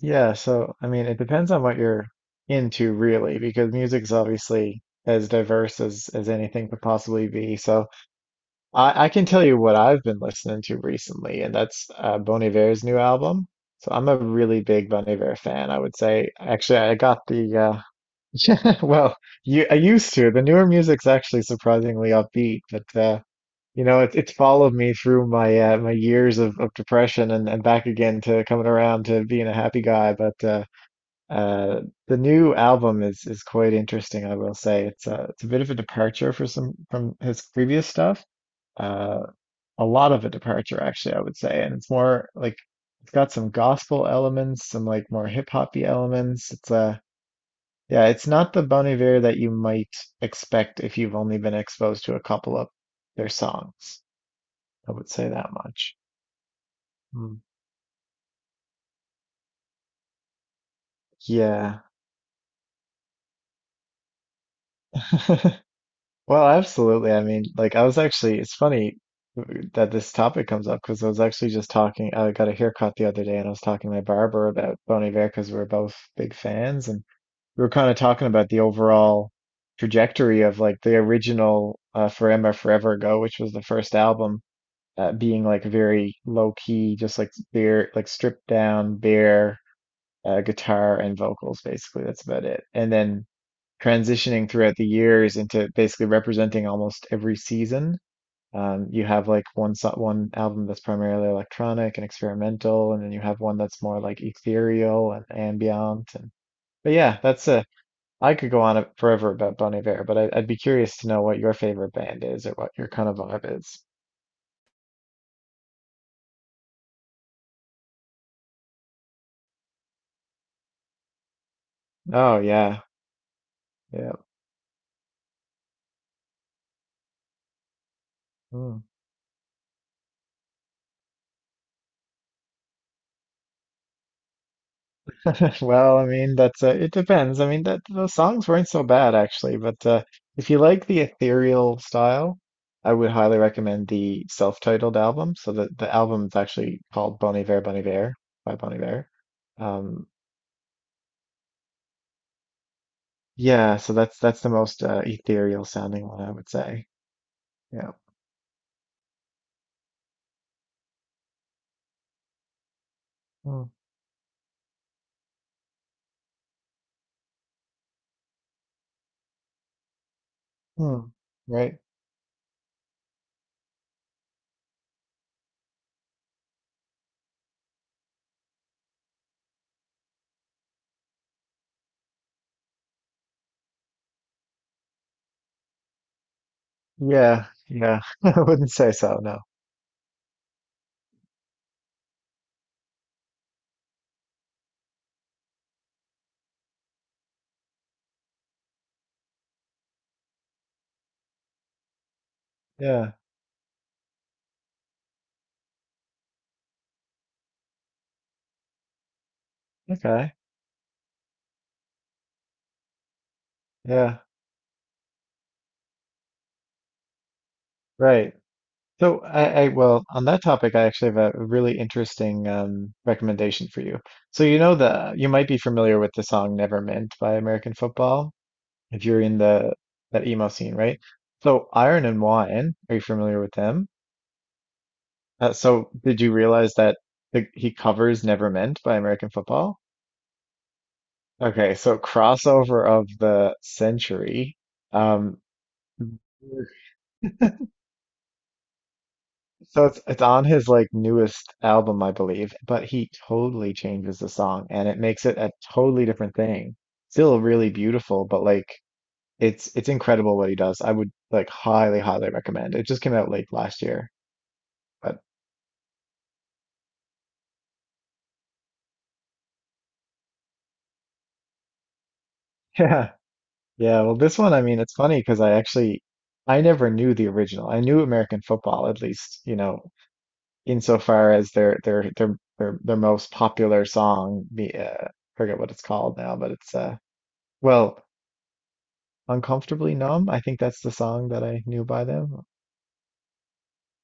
Yeah, so I mean, it depends on what you're into really, because music's obviously as diverse as anything could possibly be. So I can tell you what I've been listening to recently, and that's Bon Iver's new album. So I'm a really big Bon Iver fan. I would say actually I got the yeah, well, you I used to. The newer music's actually surprisingly upbeat, but you know, it's followed me through my my years of depression and back again to coming around to being a happy guy. But uh, the new album is quite interesting, I will say. It's a bit of a departure for some from his previous stuff. Uh, a lot of a departure, actually, I would say. And it's more like it's got some gospel elements, some like more hip hoppy elements. It's Yeah, it's not the Bon Iver that you might expect if you've only been exposed to a couple of their songs. I would say that much. Mm. Yeah. Well, absolutely. I mean, like I was actually, it's funny that this topic comes up because I was actually just talking, I got a haircut the other day and I was talking to my barber about Bon Iver because we're both big fans, and we were kind of talking about the overall trajectory of like the original Forever Ago, which was the first album, being like very low key, just like bare, like stripped down, bare guitar and vocals, basically. That's about it. And then transitioning throughout the years into basically representing almost every season. You have like one album that's primarily electronic and experimental, and then you have one that's more like ethereal and ambient. And but yeah, that's a I could go on forever about Bon Iver, but I'd be curious to know what your favorite band is or what your kind of vibe is. Oh yeah, yeah. Hmm. Well, I mean, that's it depends. I mean, that those songs weren't so bad actually, but if you like the ethereal style, I would highly recommend the self-titled album. So the album's actually called Bon Iver, Bon Iver by Bon Iver. Um, yeah, so that's the most ethereal sounding one, I would say. Yeah. Mm, mm, right. Yeah. Yeah. I wouldn't say so. No. Yeah. Okay. Yeah. Right. So I well, on that topic I actually have a really interesting recommendation for you. So you know the you might be familiar with the song "Never Meant" by American Football if you're in the that emo scene, right? So Iron and Wine, are you familiar with them? So did you realize that he covers "Never Meant" by American Football? Okay, so crossover of the century. Um, So it's on his like newest album, I believe, but he totally changes the song and it makes it a totally different thing. Still really beautiful, but like it's incredible what he does. I would like highly, highly recommend. It just came out late last year. But yeah. Yeah, well this one, I mean, it's funny because I never knew the original. I knew American football, at least, you know, insofar as their most popular song, the forget what it's called now, but it's well "Uncomfortably Numb." I think that's the song that I knew by them.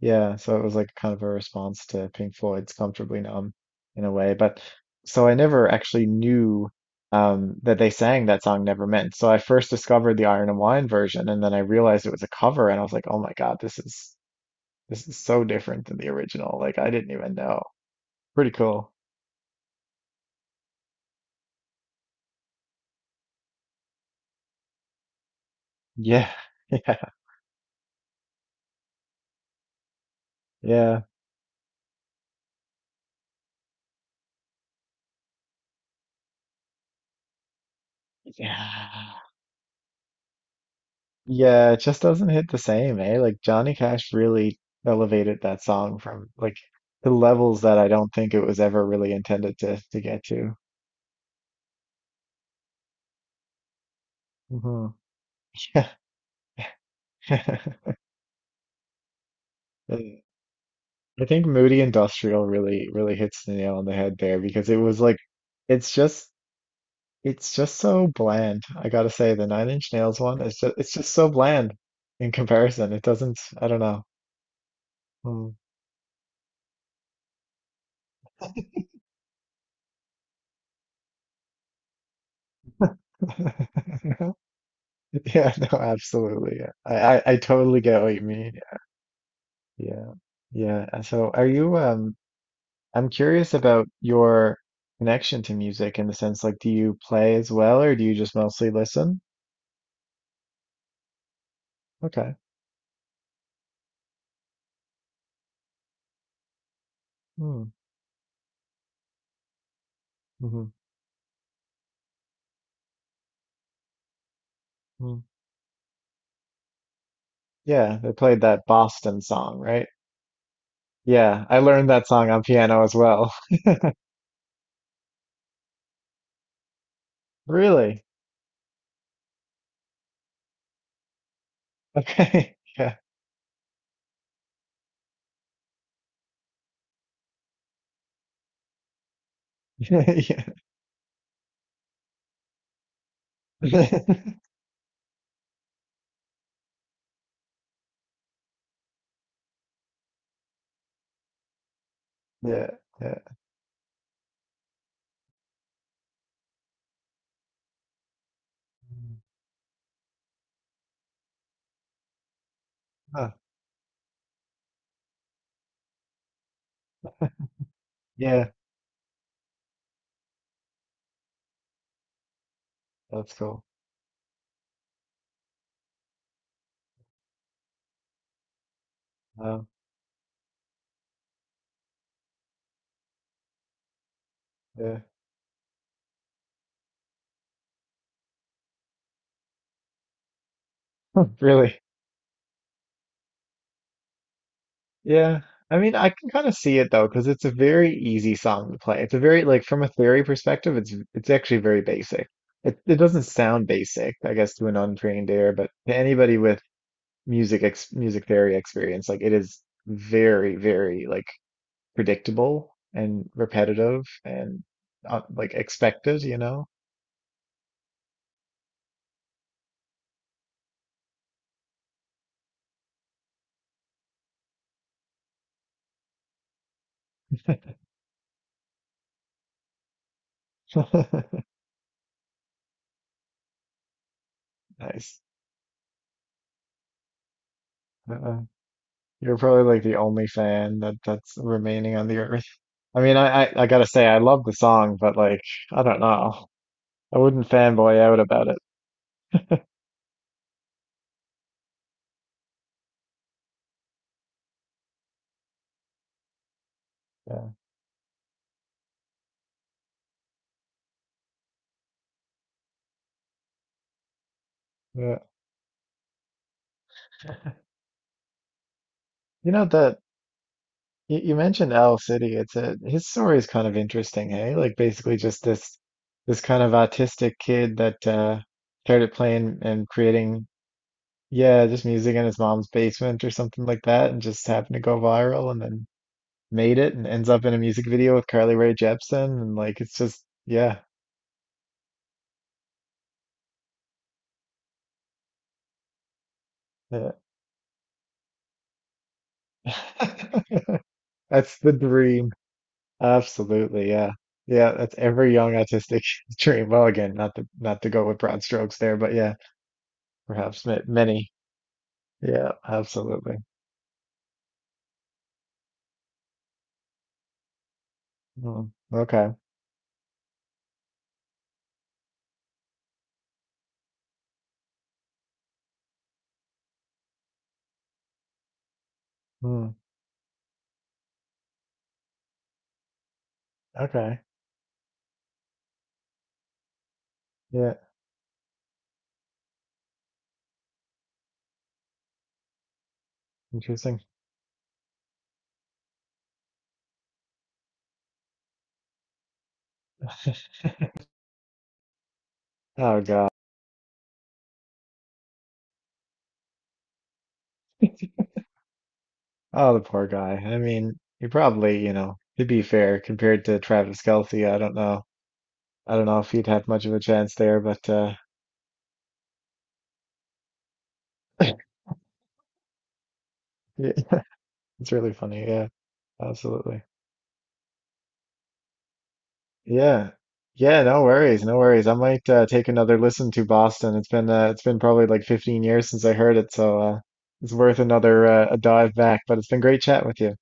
Yeah, so it was like kind of a response to Pink Floyd's "Comfortably Numb" in a way. But so I never actually knew that they sang that song "Never Meant." So I first discovered the Iron and Wine version, and then I realized it was a cover, and I was like, oh my God, this is so different than the original. Like I didn't even know. Pretty cool. Yeah, yeah, yeah, yeah. Yeah, it just doesn't hit the same, eh? Like Johnny Cash really elevated that song from like the levels that I don't think it was ever really intended to get to. Hmm. Yeah. Uh, I think Moody Industrial really really hits the nail on the head there because it was like it's just it's just so bland. I gotta say the Nine Inch Nails one is just it's just so bland in comparison. It doesn't I don't know. Hmm. Yeah, no, absolutely. I totally get what you mean. Yeah. Yeah. And so are you I'm curious about your connection to music in the sense like do you play as well or do you just mostly listen? Okay. Hmm. Mm-hmm. Mm. Yeah, they played that Boston song, right? Yeah, I learned that song on piano as well. Really? Okay. Yeah. Yeah. Yeah. Yeah. Mm. Huh. Yeah. That's cool. Wow. Yeah. Really. Yeah, I mean, I can kind of see it though, because it's a very easy song to play. It's a very like from a theory perspective, it's actually very basic. It doesn't sound basic, I guess, to an untrained ear, but to anybody with music theory experience, like it is very, very like predictable and repetitive and like expected, you know? Nice. Uh, you're probably like the only fan that that's remaining on the earth. I mean, I gotta say, I love the song, but like, I don't know. I wouldn't fanboy out about it. Yeah, yeah. You know that you mentioned Owl City. It's a His story is kind of interesting, hey? Like basically just this kind of autistic kid that started playing and creating, yeah, just music in his mom's basement or something like that, and just happened to go viral and then made it and ends up in a music video with Carly Rae Jepsen, and like it's just yeah. Yeah. That's the dream. Absolutely, yeah. Yeah, that's every young autistic dream. Well, again, not to go with broad strokes there, but yeah, perhaps ma- many. Yeah, absolutely. Mm, okay. Mm, okay. Yeah, interesting. Oh God. Oh, the poor guy. I mean, he probably, you know, to be fair, compared to Travis Kelce, I don't know. I don't know if he'd have much of a chance there, but yeah, it's really funny. Yeah, absolutely. Yeah. Yeah, no worries, no worries. I might take another listen to Boston. It's been probably like 15 years since I heard it, so it's worth another a dive back. But it's been great chatting with you.